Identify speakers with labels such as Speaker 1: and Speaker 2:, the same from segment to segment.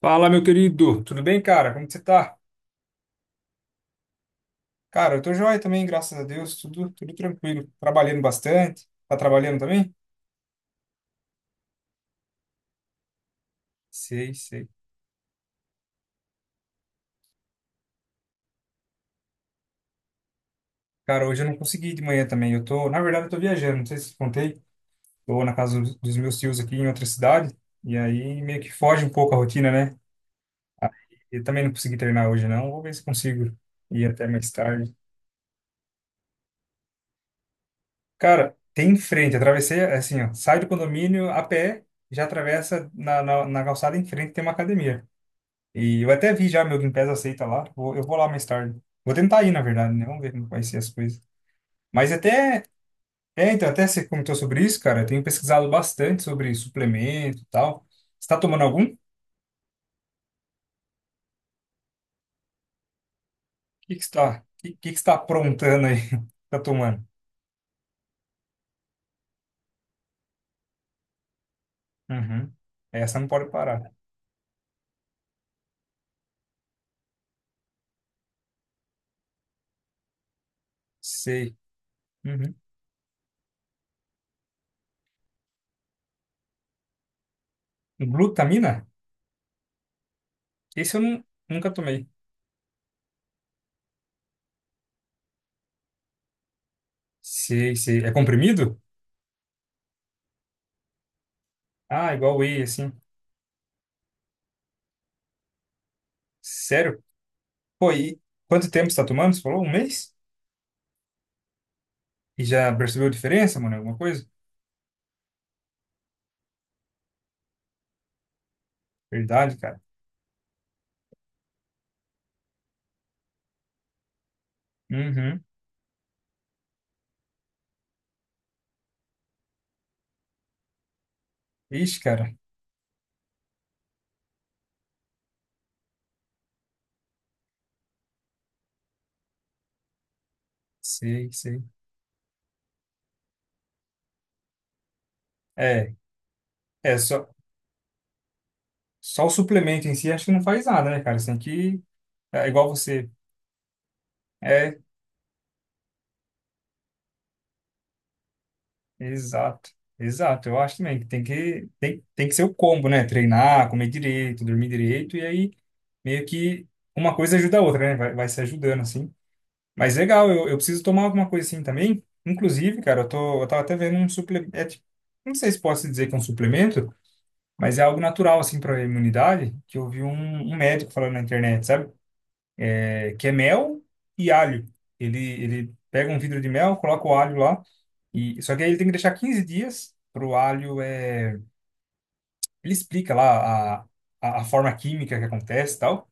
Speaker 1: Fala, meu querido. Tudo bem, cara? Como que você tá? Cara, eu tô joia também, graças a Deus. Tudo tranquilo. Trabalhando bastante. Tá trabalhando também? Sei, sei. Cara, hoje eu não consegui ir de manhã também. Eu tô, na verdade, eu tô viajando. Não sei se eu contei. Tô na casa dos meus tios aqui em outra cidade. E aí meio que foge um pouco a rotina, né? Eu também não consegui treinar hoje, não. Vou ver se consigo ir até mais tarde. Cara, tem em frente. Atravessei, assim, ó. Sai do condomínio a pé, já atravessa na calçada em frente, tem uma academia. E eu até vi já, meu Game Pass aceita lá. Eu vou lá mais tarde. Vou tentar ir, na verdade, né? Vamos ver como vai ser as coisas. Mas até, até você comentou sobre isso, cara. Eu tenho pesquisado bastante sobre suplemento e tal. Você está tomando algum? O que que você está aprontando aí? Tá tomando? Uhum. Essa não pode parar. Sei. Uhum. Glutamina? Esse eu não, nunca tomei. Sei, sei. É comprimido? Ah, igual whey, assim. Sério? Pô, e quanto tempo você está tomando? Você falou? Um mês? E já percebeu a diferença, mano? Alguma coisa? Verdade, cara. Uhum. Ixi, cara. Sei, sei. É, é só, só o suplemento em si acho que não faz nada, né, cara? Você tem que. É igual você. É, exato. Exato. Eu acho também que tem que ser o combo, né? Treinar, comer direito, dormir direito, e aí meio que uma coisa ajuda a outra, né? Vai se ajudando, assim. Mas legal, eu preciso tomar alguma coisa assim também. Inclusive, cara, eu tava até vendo um suplemento. Não sei se posso dizer que é um suplemento. Mas é algo natural, assim, para a imunidade, que eu vi um médico falando na internet, sabe? É, que é mel e alho. Ele pega um vidro de mel, coloca o alho lá, e só que aí ele tem que deixar 15 dias para o alho. É, ele explica lá a forma química que acontece e tal.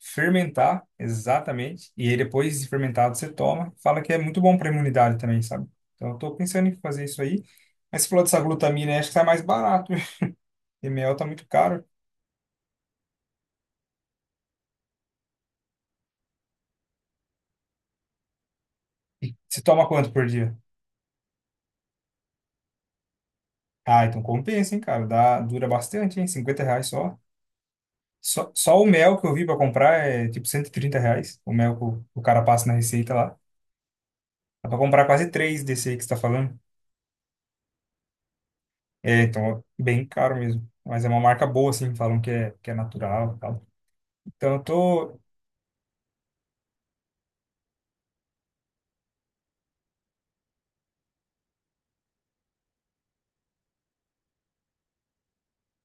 Speaker 1: Fermentar, exatamente. E aí depois de fermentado você toma. Fala que é muito bom para a imunidade também, sabe? Então eu tô pensando em fazer isso aí. Mas você falou dessa glutamina, acho que sai mais barato. E mel tá muito caro. Você toma quanto por dia? Ah, então compensa, hein, cara? Dá, dura bastante, hein? R$ 50 só. Só o mel que eu vi pra comprar é tipo R$ 130. O mel que o cara passa na receita lá. Dá pra comprar quase três desse aí que você tá falando. É, então, bem caro mesmo. Mas é uma marca boa, assim, falam que é natural e tal. Então eu tô.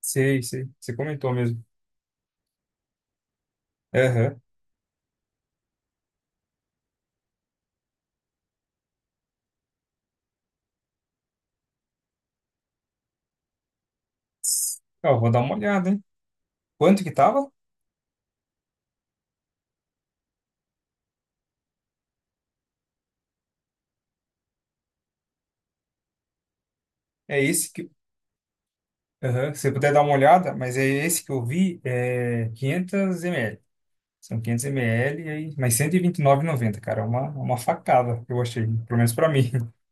Speaker 1: Sei, sei. Você comentou mesmo. Aham. Ó, eu vou dar uma olhada, hein? Quanto que tava? É esse que. Aham. Se você puder dar uma olhada, mas é esse que eu vi, é 500 ml. São 500 ml, e aí, mas 129,90 cara. É uma facada, eu achei. Pelo menos pra mim.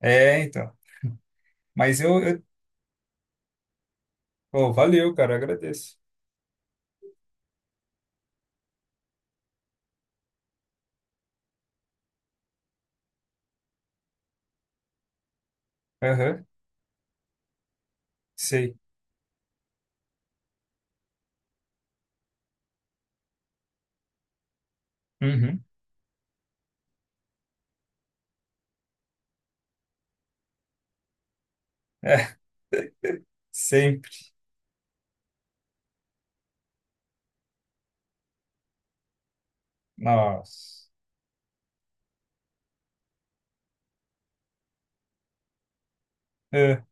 Speaker 1: É, então. Mas eu... eu... Pô, valeu, cara. Eu Agradeço. Aham, sei. Uhum. É, sempre. Nossa. É.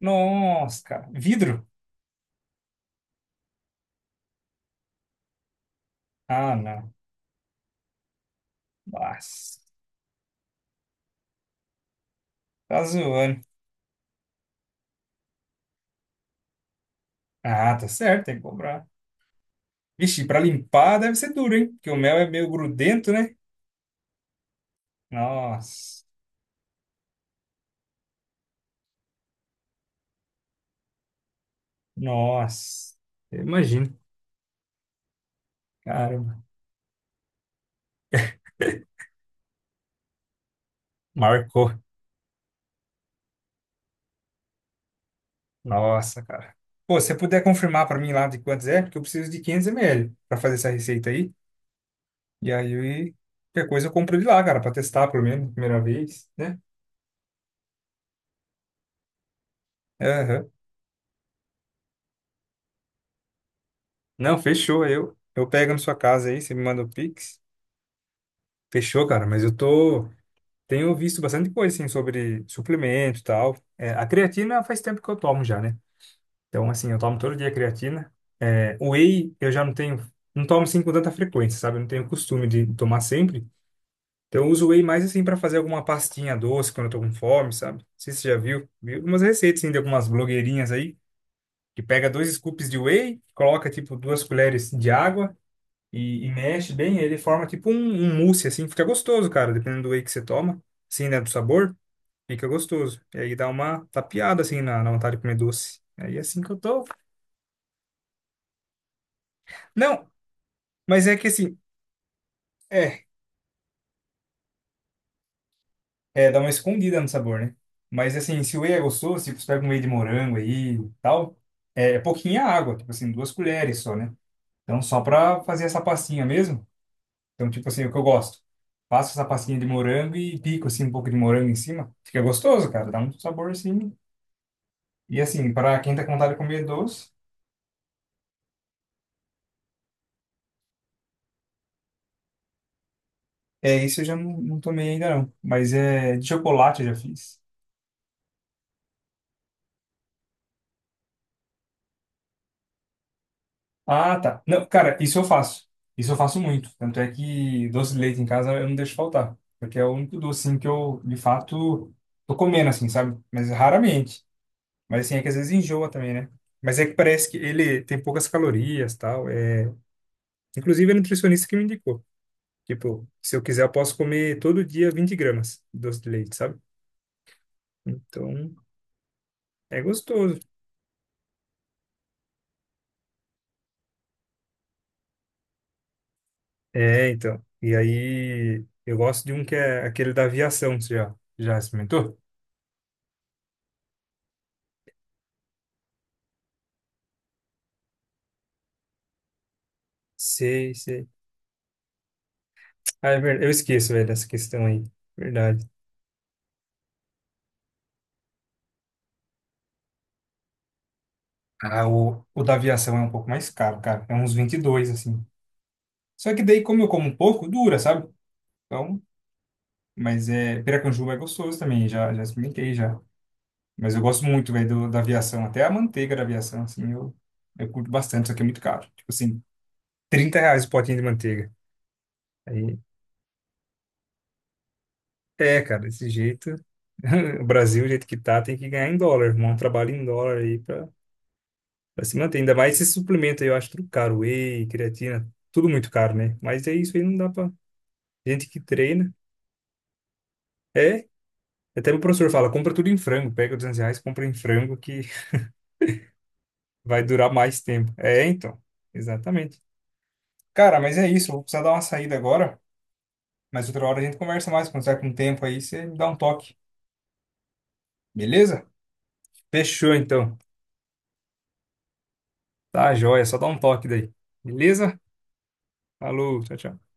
Speaker 1: Nossa, cara. Vidro? Ah, não. Nossa. Tá zoando. Ah, tá certo, tem que comprar. Vixe, pra limpar deve ser duro, hein? Porque o mel é meio grudento, né? Nossa. Nossa. Eu imagino. Caramba. Marcou. Nossa, cara. Pô, se você puder confirmar pra mim lá de quantos é, porque eu preciso de 500 ml pra fazer essa receita aí. E aí, qualquer coisa eu compro de lá, cara, pra testar pelo menos, primeira vez, né? Aham. Não, fechou. Eu pego na sua casa aí, você me manda o Pix. Fechou, cara, mas eu tô. Tenho visto bastante coisa, assim, sobre suplemento e tal. É, a creatina faz tempo que eu tomo já, né? Então, assim, eu tomo todo dia creatina. É, whey, eu já não tenho. Não tomo assim com tanta frequência, sabe? Eu não tenho costume de tomar sempre. Então, eu uso whey mais assim para fazer alguma pastinha doce quando eu tô com fome, sabe? Não sei se você já viu. Vi algumas receitas assim, de algumas blogueirinhas aí, que pega dois scoops de whey, coloca tipo duas colheres de água e mexe bem, ele forma tipo um mousse assim, fica gostoso, cara, dependendo do whey que você toma, assim, né, do sabor, fica gostoso. E aí dá uma tapeada assim na vontade de comer doce. Aí é assim que eu tô. Não, mas é que assim, é. É, dá uma escondida no sabor, né? Mas assim, se o whey é gostoso, tipo, você pega um whey de morango aí e tal, é pouquinha água, tipo assim, duas colheres só, né? Então, só pra fazer essa pastinha mesmo. Então, tipo assim, é o que eu gosto. Faço essa pastinha de morango e pico, assim, um pouco de morango em cima. Fica gostoso, cara. Dá um sabor, assim. E assim, pra quem tá com vontade de comer doce, é isso eu já não, não tomei ainda, não. Mas é de chocolate eu já fiz. Ah, tá. Não, cara, isso eu faço. Isso eu faço muito. Tanto é que doce de leite em casa eu não deixo faltar. Porque é o único doce, assim, que eu, de fato, tô comendo, assim, sabe? Mas raramente. Mas, assim, é que às vezes enjoa também, né? Mas é que parece que ele tem poucas calorias, tal. É... Inclusive, a nutricionista que me indicou. Tipo, se eu quiser, eu posso comer todo dia 20 gramas de doce de leite, sabe? Então, é gostoso. É, então. E aí, eu gosto de um que é aquele da aviação, você já experimentou? Sei, sei. Ah, é verdade. Eu esqueço, velho, essa questão aí. Verdade. Ah, o da aviação é um pouco mais caro, cara. É uns 22 assim. Só que daí, como eu como um pouco, dura, sabe? Então, mas é... Piracanjuba é gostoso também, já experimentei, já. Mas eu gosto muito, velho, da aviação. Até a manteiga da aviação, assim, eu curto bastante, só que é muito caro. Tipo assim, R$ 30 o potinho de manteiga. Aí, é, cara, desse jeito. O Brasil, o jeito que tá, tem que ganhar em dólar, arrumar um trabalho em dólar aí pra se manter. Ainda mais esse suplemento aí, eu acho tudo caro. Whey, creatina, tudo muito caro, né? Mas é isso aí, não dá pra. Gente que treina. É, até o professor fala, compra tudo em frango. Pega R$ 200, compra em frango que vai durar mais tempo. É, então. Exatamente. Cara, mas é isso. eu Vou precisar dar uma saída agora. Mas outra hora a gente conversa mais. Quando tiver com tempo aí, você me dá um toque. Beleza? Fechou, então. Tá, joia. Só dá um toque daí. Beleza? Falou, tchau, tchau.